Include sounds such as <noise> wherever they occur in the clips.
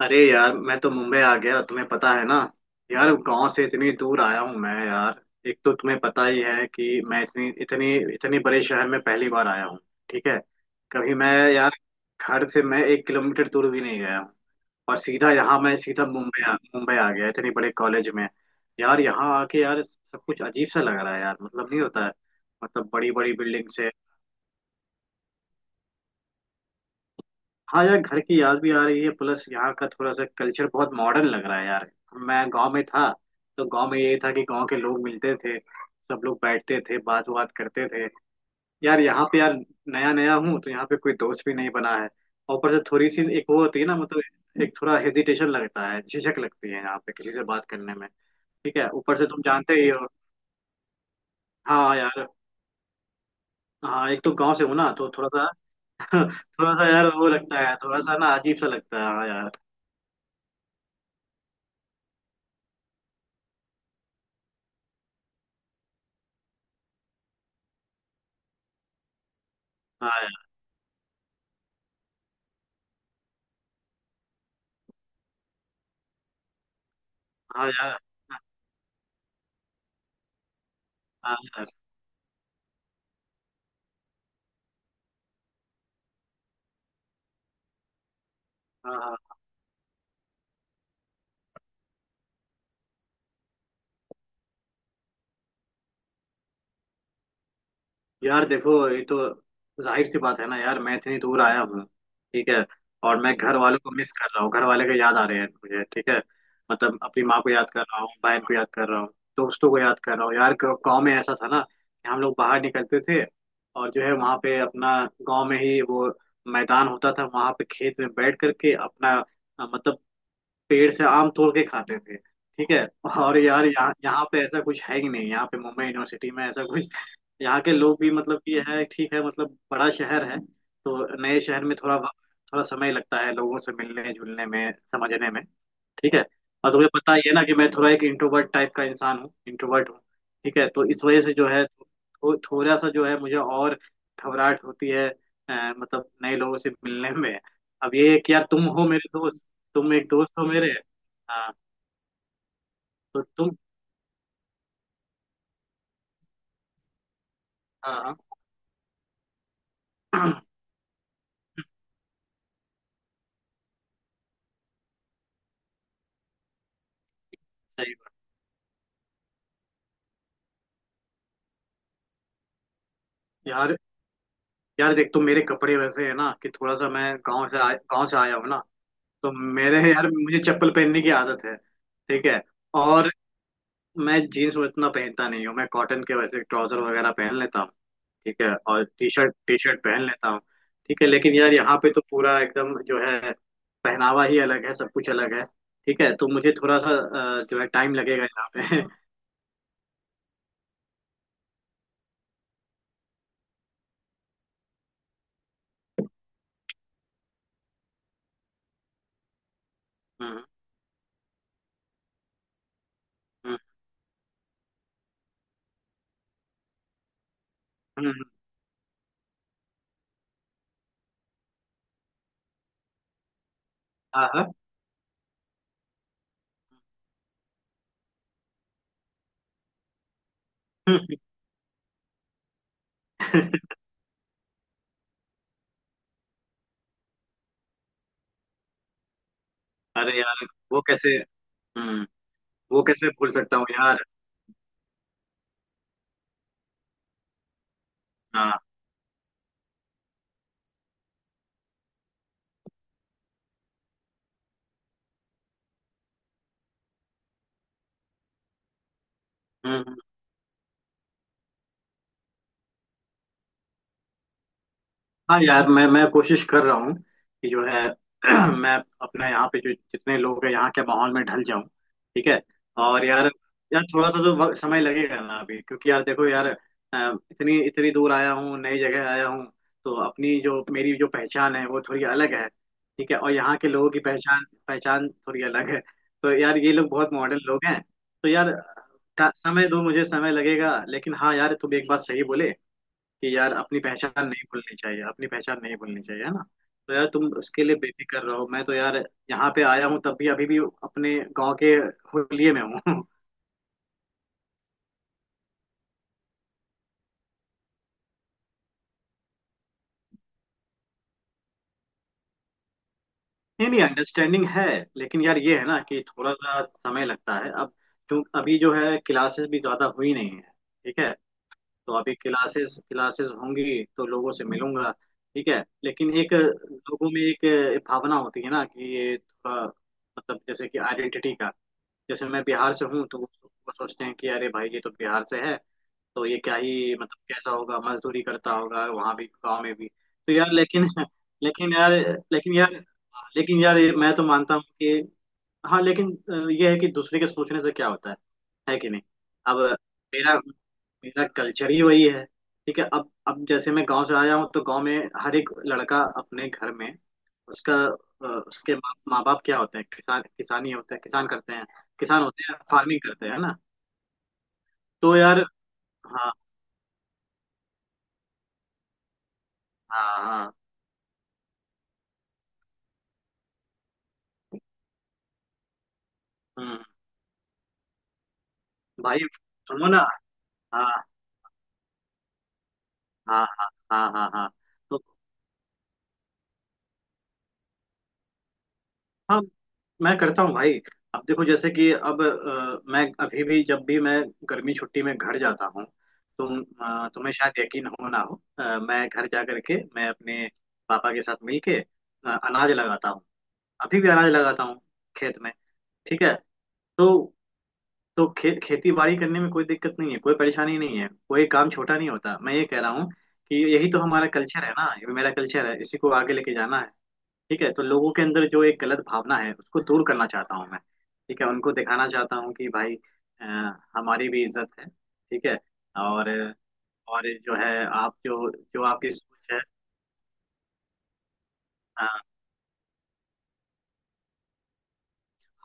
अरे यार मैं तो मुंबई आ गया तुम्हें पता है ना। यार गांव से इतनी दूर आया हूँ मैं यार। एक तो तुम्हें पता ही है कि मैं इतनी इतनी इतने बड़े शहर में पहली बार आया हूँ। ठीक है। कभी मैं यार घर से मैं एक किलोमीटर दूर भी नहीं गया हूँ। और सीधा यहाँ मैं सीधा मुंबई मुंबई आ गया इतने बड़े कॉलेज में। यार यहाँ आके यार सब कुछ अजीब सा लग रहा है यार मतलब नहीं होता है। मतलब बड़ी बड़ी बिल्डिंग्स। हाँ यार घर की याद भी आ रही है प्लस यहाँ का थोड़ा सा कल्चर बहुत मॉडर्न लग रहा है यार। मैं गांव में था। तो गांव में ये था कि गांव के लोग मिलते थे सब लोग बैठते थे बात बात करते थे। यार यहाँ पे यार नया नया हूँ तो यहाँ पे कोई दोस्त भी नहीं बना है। और ऊपर से थोड़ी सी एक वो होती है ना मतलब एक थोड़ा हेजिटेशन लगता है झिझक लगती है यहाँ पे किसी से बात करने में। ठीक है ऊपर से तुम जानते ही हो। हाँ यार। हाँ एक तो गांव से हूँ ना तो थोड़ा सा। <laughs> थोड़ा सा यार वो लगता है थोड़ा सा ना अजीब सा लगता है हाँ यार। हाँ यार। हाँ यार। हाँ सर। हाँ हाँ। यार देखो ये तो जाहिर सी बात है ना यार मैं इतनी दूर आया हूँ। ठीक है। और मैं घर वालों को मिस कर रहा हूँ घर वाले को याद आ रहे हैं मुझे। ठीक है। मतलब अपनी माँ को याद कर रहा हूँ बहन को याद कर रहा हूँ दोस्तों को याद कर रहा हूँ यार। गाँव गाँव में ऐसा था ना कि हम लोग बाहर निकलते थे। और जो है वहाँ पे अपना गाँव में ही वो मैदान होता था वहाँ पे खेत में बैठ करके अपना मतलब पेड़ से आम तोड़ के खाते थे। ठीक है। और यार यहाँ यहाँ पे ऐसा कुछ है ही नहीं यहाँ पे मुंबई यूनिवर्सिटी में ऐसा कुछ। <laughs> यहाँ के लोग भी मतलब कि है ठीक है मतलब बड़ा शहर है। तो नए शहर में थोड़ा समय लगता है लोगों से मिलने जुलने में समझने में। ठीक है। और तुम्हें पता ही है ना कि मैं थोड़ा एक इंट्रोवर्ट टाइप का इंसान हूँ इंट्रोवर्ट हूँ। ठीक है तो इस वजह से जो है थोड़ा सा जो है मुझे और घबराहट होती है मतलब नए लोगों से मिलने में। अब ये है कि यार तुम हो मेरे दोस्त तुम एक दोस्त हो मेरे। हाँ तो तुम। हाँ। <clears throat> हाँ। सही बात। यार यार देख तुम मेरे कपड़े वैसे है ना कि थोड़ा सा मैं गांव से आया हूँ ना। तो मेरे यार मुझे चप्पल पहनने की आदत है। ठीक है और मैं जीन्स उतना पहनता नहीं हूँ मैं कॉटन के वैसे ट्राउजर वगैरह पहन लेता हूँ। ठीक है और टी शर्ट पहन लेता हूँ। ठीक है लेकिन यार यहाँ पे तो पूरा एकदम जो है पहनावा ही अलग है सब कुछ अलग है। ठीक है तो मुझे थोड़ा सा जो है टाइम लगेगा यहाँ पे। <laughs> हम्म। हम्म। हम्म। हाँ। हाँ। <laughs> अरे यार वो कैसे हम्म वो कैसे भूल सकता हूँ यार। हाँ। हम्म। हम्म। हाँ यार मैं कोशिश कर रहा हूँ कि जो है <clears throat> मैं अपने यहाँ पे जो जितने लोग हैं यहाँ के माहौल में ढल जाऊँ। ठीक है। और यार यार थोड़ा सा तो समय लगेगा ना अभी क्योंकि यार देखो यार इतनी इतनी दूर आया हूँ नई जगह आया हूँ। तो अपनी जो मेरी जो पहचान है वो थोड़ी अलग है। ठीक है और यहाँ के लोगों की पहचान पहचान थोड़ी अलग है। तो यार ये लोग बहुत मॉडर्न लोग हैं। तो यार समय दो मुझे समय लगेगा लेकिन हाँ यार तुम एक बात सही बोले कि यार अपनी पहचान नहीं भूलनी चाहिए अपनी पहचान नहीं भूलनी चाहिए है ना। तो यार तुम उसके लिए बेफिक्र रहो मैं तो यार यहाँ पे आया हूँ तब भी अभी भी अपने गांव के हुलिये में हूँ। <laughs> नहीं नहीं अंडरस्टैंडिंग है लेकिन यार ये है ना कि थोड़ा सा समय लगता है अब। क्यों अभी जो है क्लासेस भी ज्यादा हुई नहीं है। ठीक है तो अभी क्लासेस क्लासेस होंगी तो लोगों से मिलूंगा। ठीक है लेकिन एक लोगों में एक भावना होती है ना कि ये थोड़ा मतलब जैसे कि आइडेंटिटी का। जैसे मैं बिहार से हूँ तो वो सोचते हैं कि अरे भाई ये तो बिहार से है। तो ये क्या ही मतलब कैसा होगा मजदूरी करता होगा वहां भी गाँव में भी। तो यार लेकिन। <laughs> लेकिन यार लेकिन यार लेकिन यार ये मैं तो मानता हूँ कि। हाँ लेकिन ये है कि दूसरे के सोचने से क्या होता है। है कि नहीं। अब मेरा मेरा कल्चर ही वही है। ठीक है अब जैसे मैं गांव से आया हूँ तो गांव में हर एक लड़का अपने घर में उसका उसके माँ माँ बाप क्या होते हैं किसान किसानी होते हैं किसान करते हैं किसान होते हैं फार्मिंग करते हैं ना। तो यार। हाँ हाँ हाँ। हम्म। भाई सुनो ना। हाँ हाँ हाँ हाँ हाँ हाँ तो। हाँ मैं करता हूँ भाई। अब देखो जैसे कि अब मैं अभी भी जब भी मैं गर्मी छुट्टी में घर जाता हूँ तुम तुम्हें शायद यकीन हो ना हो मैं घर जा करके मैं अपने पापा के साथ मिलके अनाज लगाता हूँ अभी भी अनाज लगाता हूँ खेत में। ठीक है। तो तो खेती बाड़ी करने में कोई दिक्कत नहीं है कोई परेशानी नहीं है कोई काम छोटा नहीं होता। मैं ये कह रहा हूँ कि यही तो हमारा कल्चर है ना ये मेरा कल्चर है इसी को आगे लेके जाना है। ठीक है तो लोगों के अंदर जो एक गलत भावना है उसको दूर करना चाहता हूँ मैं। ठीक है उनको दिखाना चाहता हूँ कि भाई अ, हमारी भी इज्जत है। ठीक है और जो है आप जो जो आपकी सोच है। अ,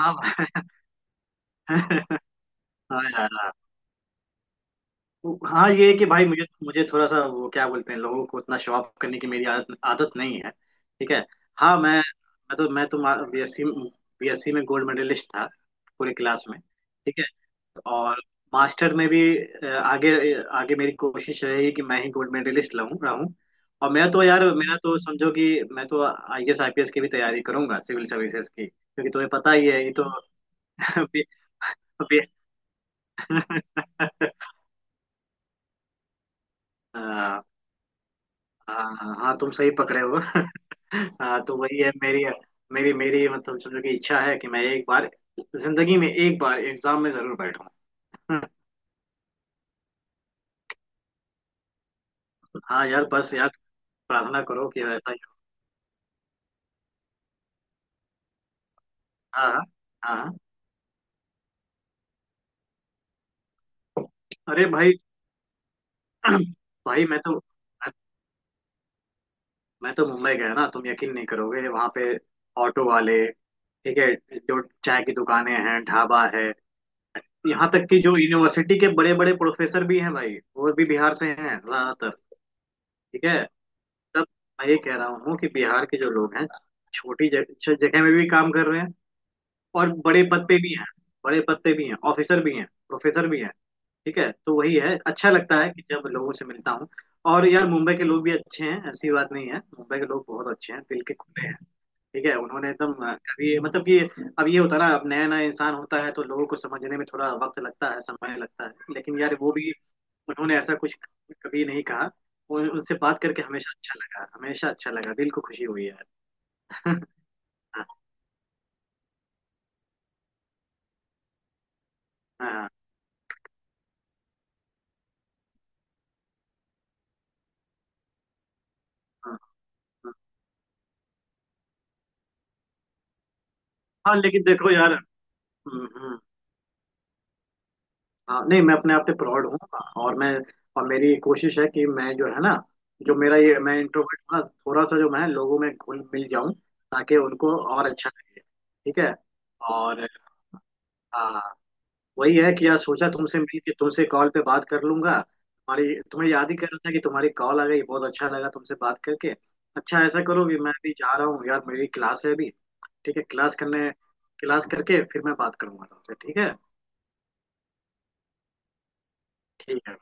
हाँ। <laughs> हाँ यार। हाँ ये है कि भाई मुझे मुझे थोड़ा सा वो क्या बोलते हैं लोगों को उतना शो ऑफ करने की मेरी आदत आदत नहीं है। ठीक है। हाँ मैं मैं तो बीएससी बीएससी में गोल्ड मेडलिस्ट था पूरे क्लास में। ठीक है। और मास्टर में भी आगे आगे मेरी कोशिश रही कि मैं ही गोल्ड मेडलिस्ट लाऊं रहूं। और मैं तो यार मेरा तो समझो कि मैं तो आईएएस आईपीएस की भी तैयारी करूंगा सिविल सर्विसेज की क्योंकि तुम्हें पता ही है ये तो। <laughs> अभी- अभी- हाँ। <laughs> हाँ हाँ हाँ तुम सही पकड़े हो। <laughs> हाँ तो वही है मेरी मेरी मेरी मतलब समझो कि इच्छा है कि मैं एक बार जिंदगी में एक बार एग्जाम में जरूर बैठूं। <laughs> हाँ यार बस यार प्रार्थना करो कि ऐसा ही हो। हाँ हाँ हाँ। हाँ। अरे भाई। <clears throat> भाई मैं तो मुंबई गया ना तुम यकीन नहीं करोगे वहां पे ऑटो वाले। ठीक है जो चाय की दुकानें हैं ढाबा है यहाँ तक कि जो यूनिवर्सिटी के बड़े बड़े प्रोफेसर भी हैं भाई वो भी बिहार से हैं ज्यादातर। ठीक है। तब मैं ये कह रहा हूँ कि बिहार के जो लोग हैं छोटी जगह में भी काम कर रहे हैं और बड़े पद पे भी हैं बड़े पद पे भी हैं ऑफिसर भी हैं प्रोफेसर भी हैं। ठीक है तो वही है अच्छा लगता है कि जब लोगों से मिलता हूँ। और यार मुंबई के लोग भी अच्छे हैं ऐसी बात नहीं है मुंबई के लोग बहुत अच्छे हैं दिल के खुले हैं। ठीक है उन्होंने एकदम अभी मतलब कि अब ये होता है ना अब नया नया इंसान होता है तो लोगों को समझने में थोड़ा वक्त लगता है समय लगता है लेकिन यार वो भी उन्होंने ऐसा कुछ कभी नहीं कहा। उनसे बात करके हमेशा अच्छा लगा दिल को खुशी हुई यार। हाँ हाँ हाँ हाँ हाँ, हाँ, लेकिन देखो यार। हम्म, हम्म, हाँ नहीं मैं अपने आप पे प्राउड हूँ। और मैं और मेरी कोशिश है कि मैं जो है ना जो मेरा ये मैं इंट्रोवर्ट हूँ ना थोड़ा सा जो मैं लोगों में घुल मिल जाऊँ ताकि उनको और अच्छा लगे। ठीक है। और हाँ वही है कि यार सोचा तुमसे मिल के तुमसे कॉल पे बात कर लूंगा तुम्हारी तुम्हें याद ही कर रहा था कि तुम्हारी कॉल आ गई बहुत अच्छा लगा तुमसे बात करके। अच्छा ऐसा करो कि मैं भी जा रहा हूँ यार मेरी क्लास है अभी। ठीक है क्लास करने क्लास करके फिर मैं बात करूंगा तुमसे। ठीक है ठीक है।